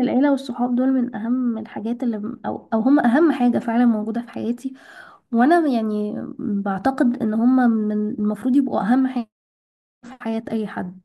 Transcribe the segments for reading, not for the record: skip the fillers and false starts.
العيلة والصحاب دول من أهم الحاجات اللي أو هم أهم حاجة فعلا موجودة في حياتي، وأنا يعني بعتقد إن هم من المفروض يبقوا أهم حاجة في حياة أي حد.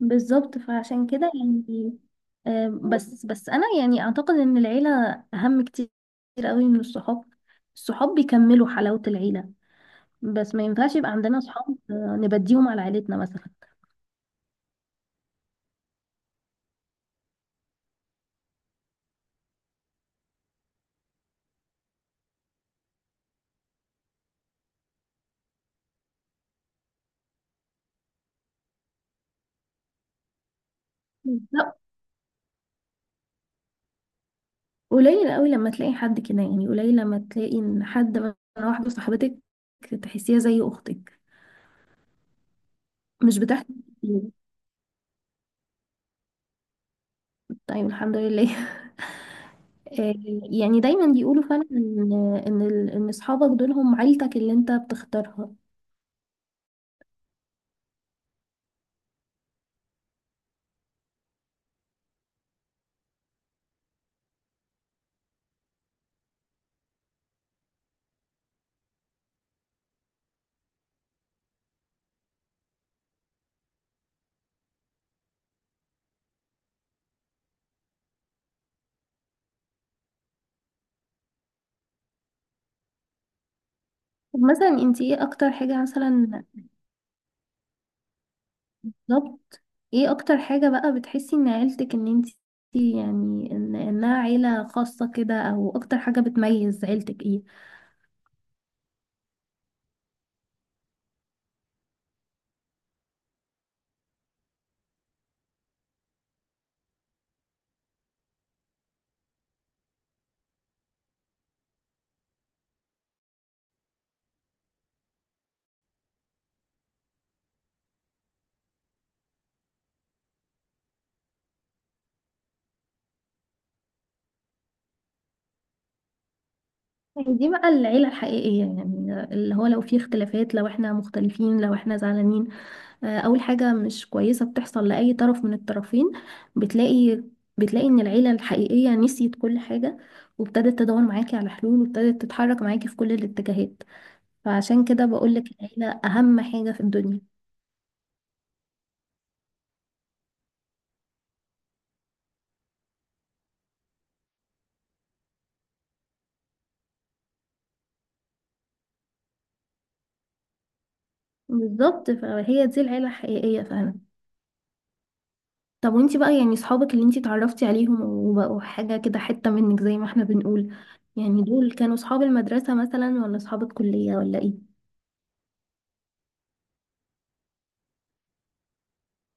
بالظبط، فعشان كده يعني بس أنا يعني أعتقد إن العيلة أهم كتير قوي من الصحاب. الصحاب بيكملوا حلاوة العيلة، بس ما ينفعش يبقى عندنا صحاب نبديهم على عيلتنا مثلا. لا، قليل قوي لما تلاقي حد كده، يعني قليل لما تلاقي ان حد مثلا واحده صاحبتك تحسيها زي اختك. مش بتحكي كتير. طيب الحمد لله آه، يعني دايما بيقولوا فعلا ان ان اصحابك دول هم عيلتك اللي انت بتختارها. طب مثلا انت ايه اكتر حاجه مثلا؟ بالظبط. ايه اكتر حاجه بقى بتحسي ان عيلتك ان انت يعني ان انها عيله خاصه كده؟ او اكتر حاجه بتميز عيلتك ايه؟ يعني دي بقى العيلة الحقيقية، يعني اللي هو لو في اختلافات، لو احنا مختلفين، لو احنا زعلانين، أول حاجة مش كويسة بتحصل لأي طرف من الطرفين، بتلاقي بتلاقي إن العيلة الحقيقية نسيت كل حاجة وابتدت تدور معاكي على حلول، وابتدت تتحرك معاكي في كل الاتجاهات. فعشان كده بقولك العيلة أهم حاجة في الدنيا. بالظبط، فهي دي العيلة الحقيقية فعلا. طب وانتي بقى يعني صحابك اللي انتي اتعرفتي عليهم وبقوا حاجة كده حتة منك زي ما احنا بنقول، يعني دول كانوا صحاب المدرسة مثلا، ولا صحاب الكلية، ولا ايه؟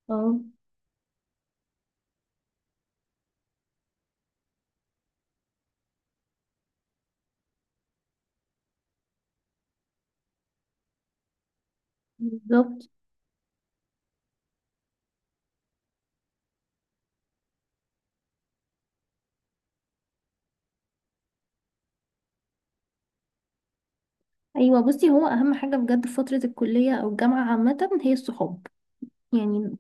اه. بالظبط. ايوه، بصي هو اهم حاجة بجد في فترة الكلية او الجامعة عامة هي الصحاب. يعني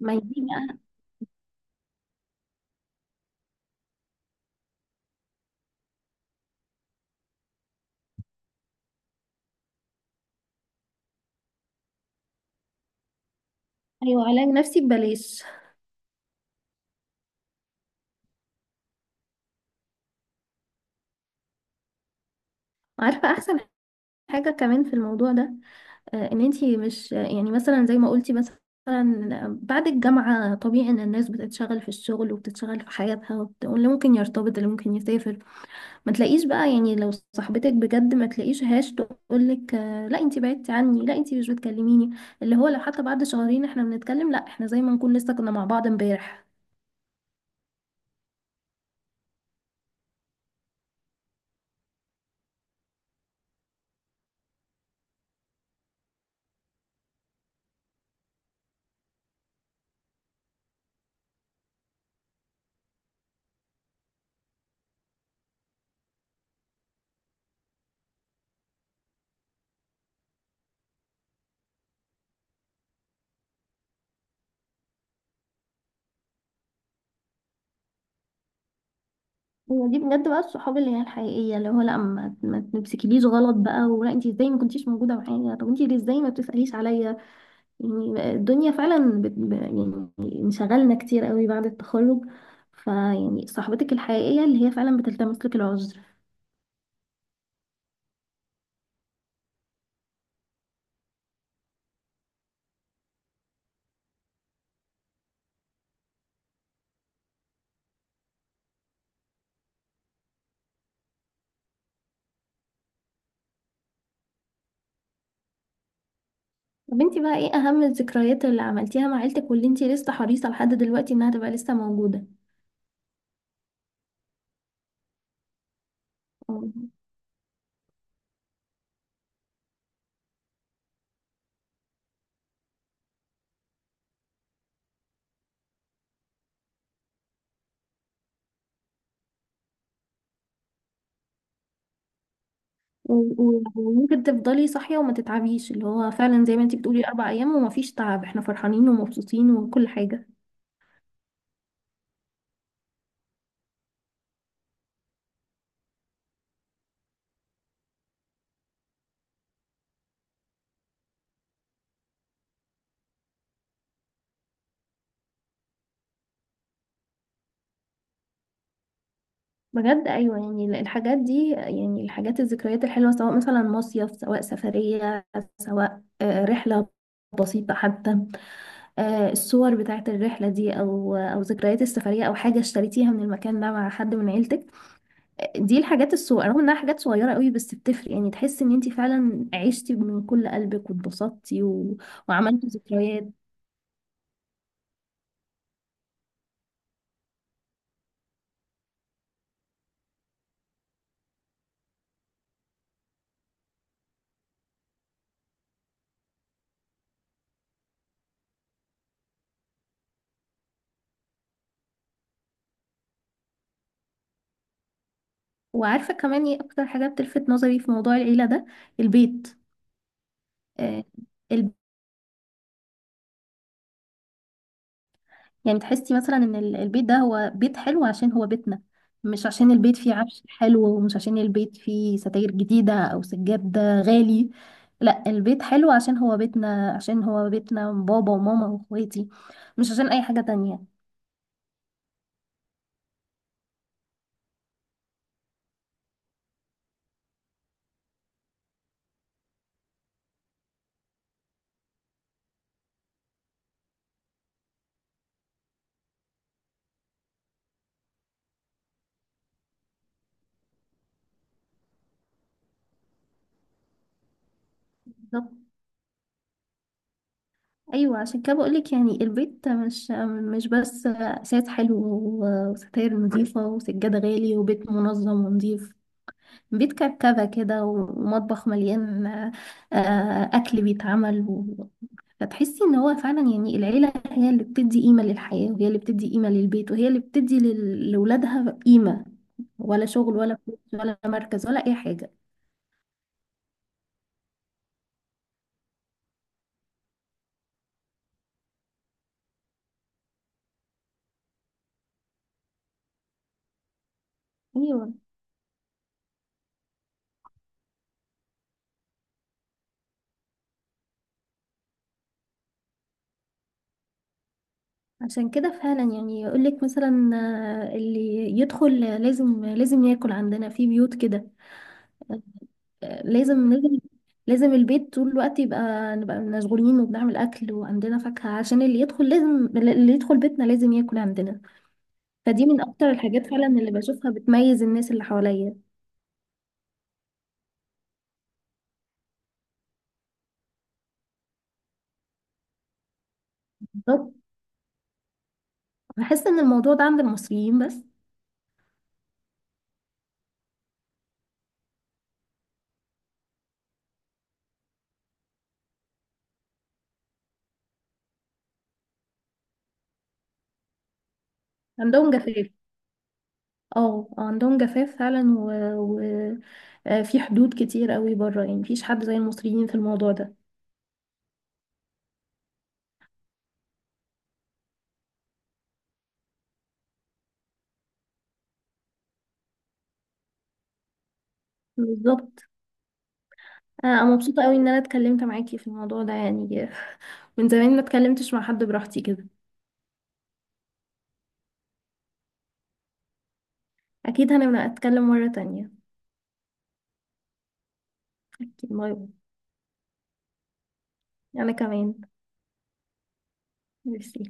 ما يجي بقى. ايوه، علاج نفسي ببلاش. عارفة احسن حاجة كمان في الموضوع ده؟ ان انتي مش يعني مثلا زي ما قلتي، مثلا بعد الجامعة طبيعي إن الناس بتتشغل في الشغل وبتتشغل في حياتها، واللي ممكن يرتبط، اللي ممكن يسافر، ما تلاقيش بقى، يعني لو صاحبتك بجد ما تلاقيش هاش تقولك لا انتي بعدتي عني، لا انتي مش بتكلميني. اللي هو لو حتى بعد شهرين احنا بنتكلم، لا، احنا زي ما نكون لسه كنا مع بعض امبارح. هي دي بجد بقى الصحاب اللي هي الحقيقية، اللي هو لا ما تمسكيليش غلط بقى، ولا انتي ازاي ما كنتيش موجودة معايا، طب انتي ليه ازاي ما بتسأليش عليا. يعني الدنيا فعلا يعني انشغلنا كتير قوي بعد التخرج، فيعني صاحبتك الحقيقية اللي هي فعلا بتلتمس لك العذر. طب انتي بقى ايه اهم الذكريات اللي عملتيها مع عيلتك واللي انتي لسه حريصة لحد دلوقتي انها تبقى لسه موجودة؟ و- وممكن تفضلي صاحية وما تتعبيش، اللي هو فعلا زي ما انتي بتقولي اربع ايام وما فيش تعب، احنا فرحانين ومبسوطين وكل حاجة. بجد، ايوه، يعني الحاجات دي، يعني الحاجات الذكريات الحلوة، سواء مثلا مصيف، سواء سفرية، سواء رحلة بسيطة حتى، الصور بتاعت الرحلة دي او ذكريات السفرية، او حاجة اشتريتيها من المكان ده مع حد من عيلتك. دي الحاجات الصغيرة، رغم انها حاجات صغيرة قوي بس بتفرق، يعني تحس ان انتي فعلا عشتي من كل قلبك واتبسطتي وعملتي ذكريات. وعارفة كمان ايه اكتر حاجة بتلفت نظري في موضوع العيلة ده؟ البيت. آه الب... يعني تحسي مثلا ان البيت ده هو بيت حلو عشان هو بيتنا، مش عشان البيت فيه عفش حلو، ومش عشان البيت فيه ستاير جديدة او سجاد غالي. لا، البيت حلو عشان هو بيتنا، عشان هو بيتنا بابا وماما واخواتي، مش عشان اي حاجة تانية. بالظبط. ايوه، عشان كده بقولك يعني البيت مش مش بس اساس حلو وستاير نظيفه وسجاده غالي وبيت منظم ونظيف، بيت كركبه كده ومطبخ مليان اكل بيتعمل فتحسي ان هو فعلا، يعني العيله هي اللي بتدي قيمه للحياه، وهي اللي بتدي قيمه للبيت، وهي اللي بتدي لاولادها قيمه، ولا شغل، ولا فلوس، ولا مركز، ولا اي حاجه. ايوه، عشان كده فعلا يعني يقولك مثلا، اللي يدخل لازم لازم ياكل عندنا في بيوت كده. آه، لازم لازم، لازم البيت طول الوقت يبقى نبقى مشغولين وبنعمل أكل وعندنا فاكهة، عشان اللي يدخل لازم، اللي يدخل بيتنا لازم ياكل عندنا. فدي من أكتر الحاجات فعلا اللي بشوفها بتميز الناس اللي حواليا. بالظبط. بحس إن الموضوع ده عند المصريين بس. عندهم جفاف. اه، عندهم جفاف فعلا و... في حدود كتير قوي بره، يعني مفيش حد زي المصريين في الموضوع ده. بالظبط. انا مبسوطه قوي ان انا اتكلمت معاكي في الموضوع ده يعني من زمان ما اتكلمتش مع حد براحتي كده. اكيد هنبقى اتكلم مره تانية. اكيد مرة. انا كمان. ميرسي.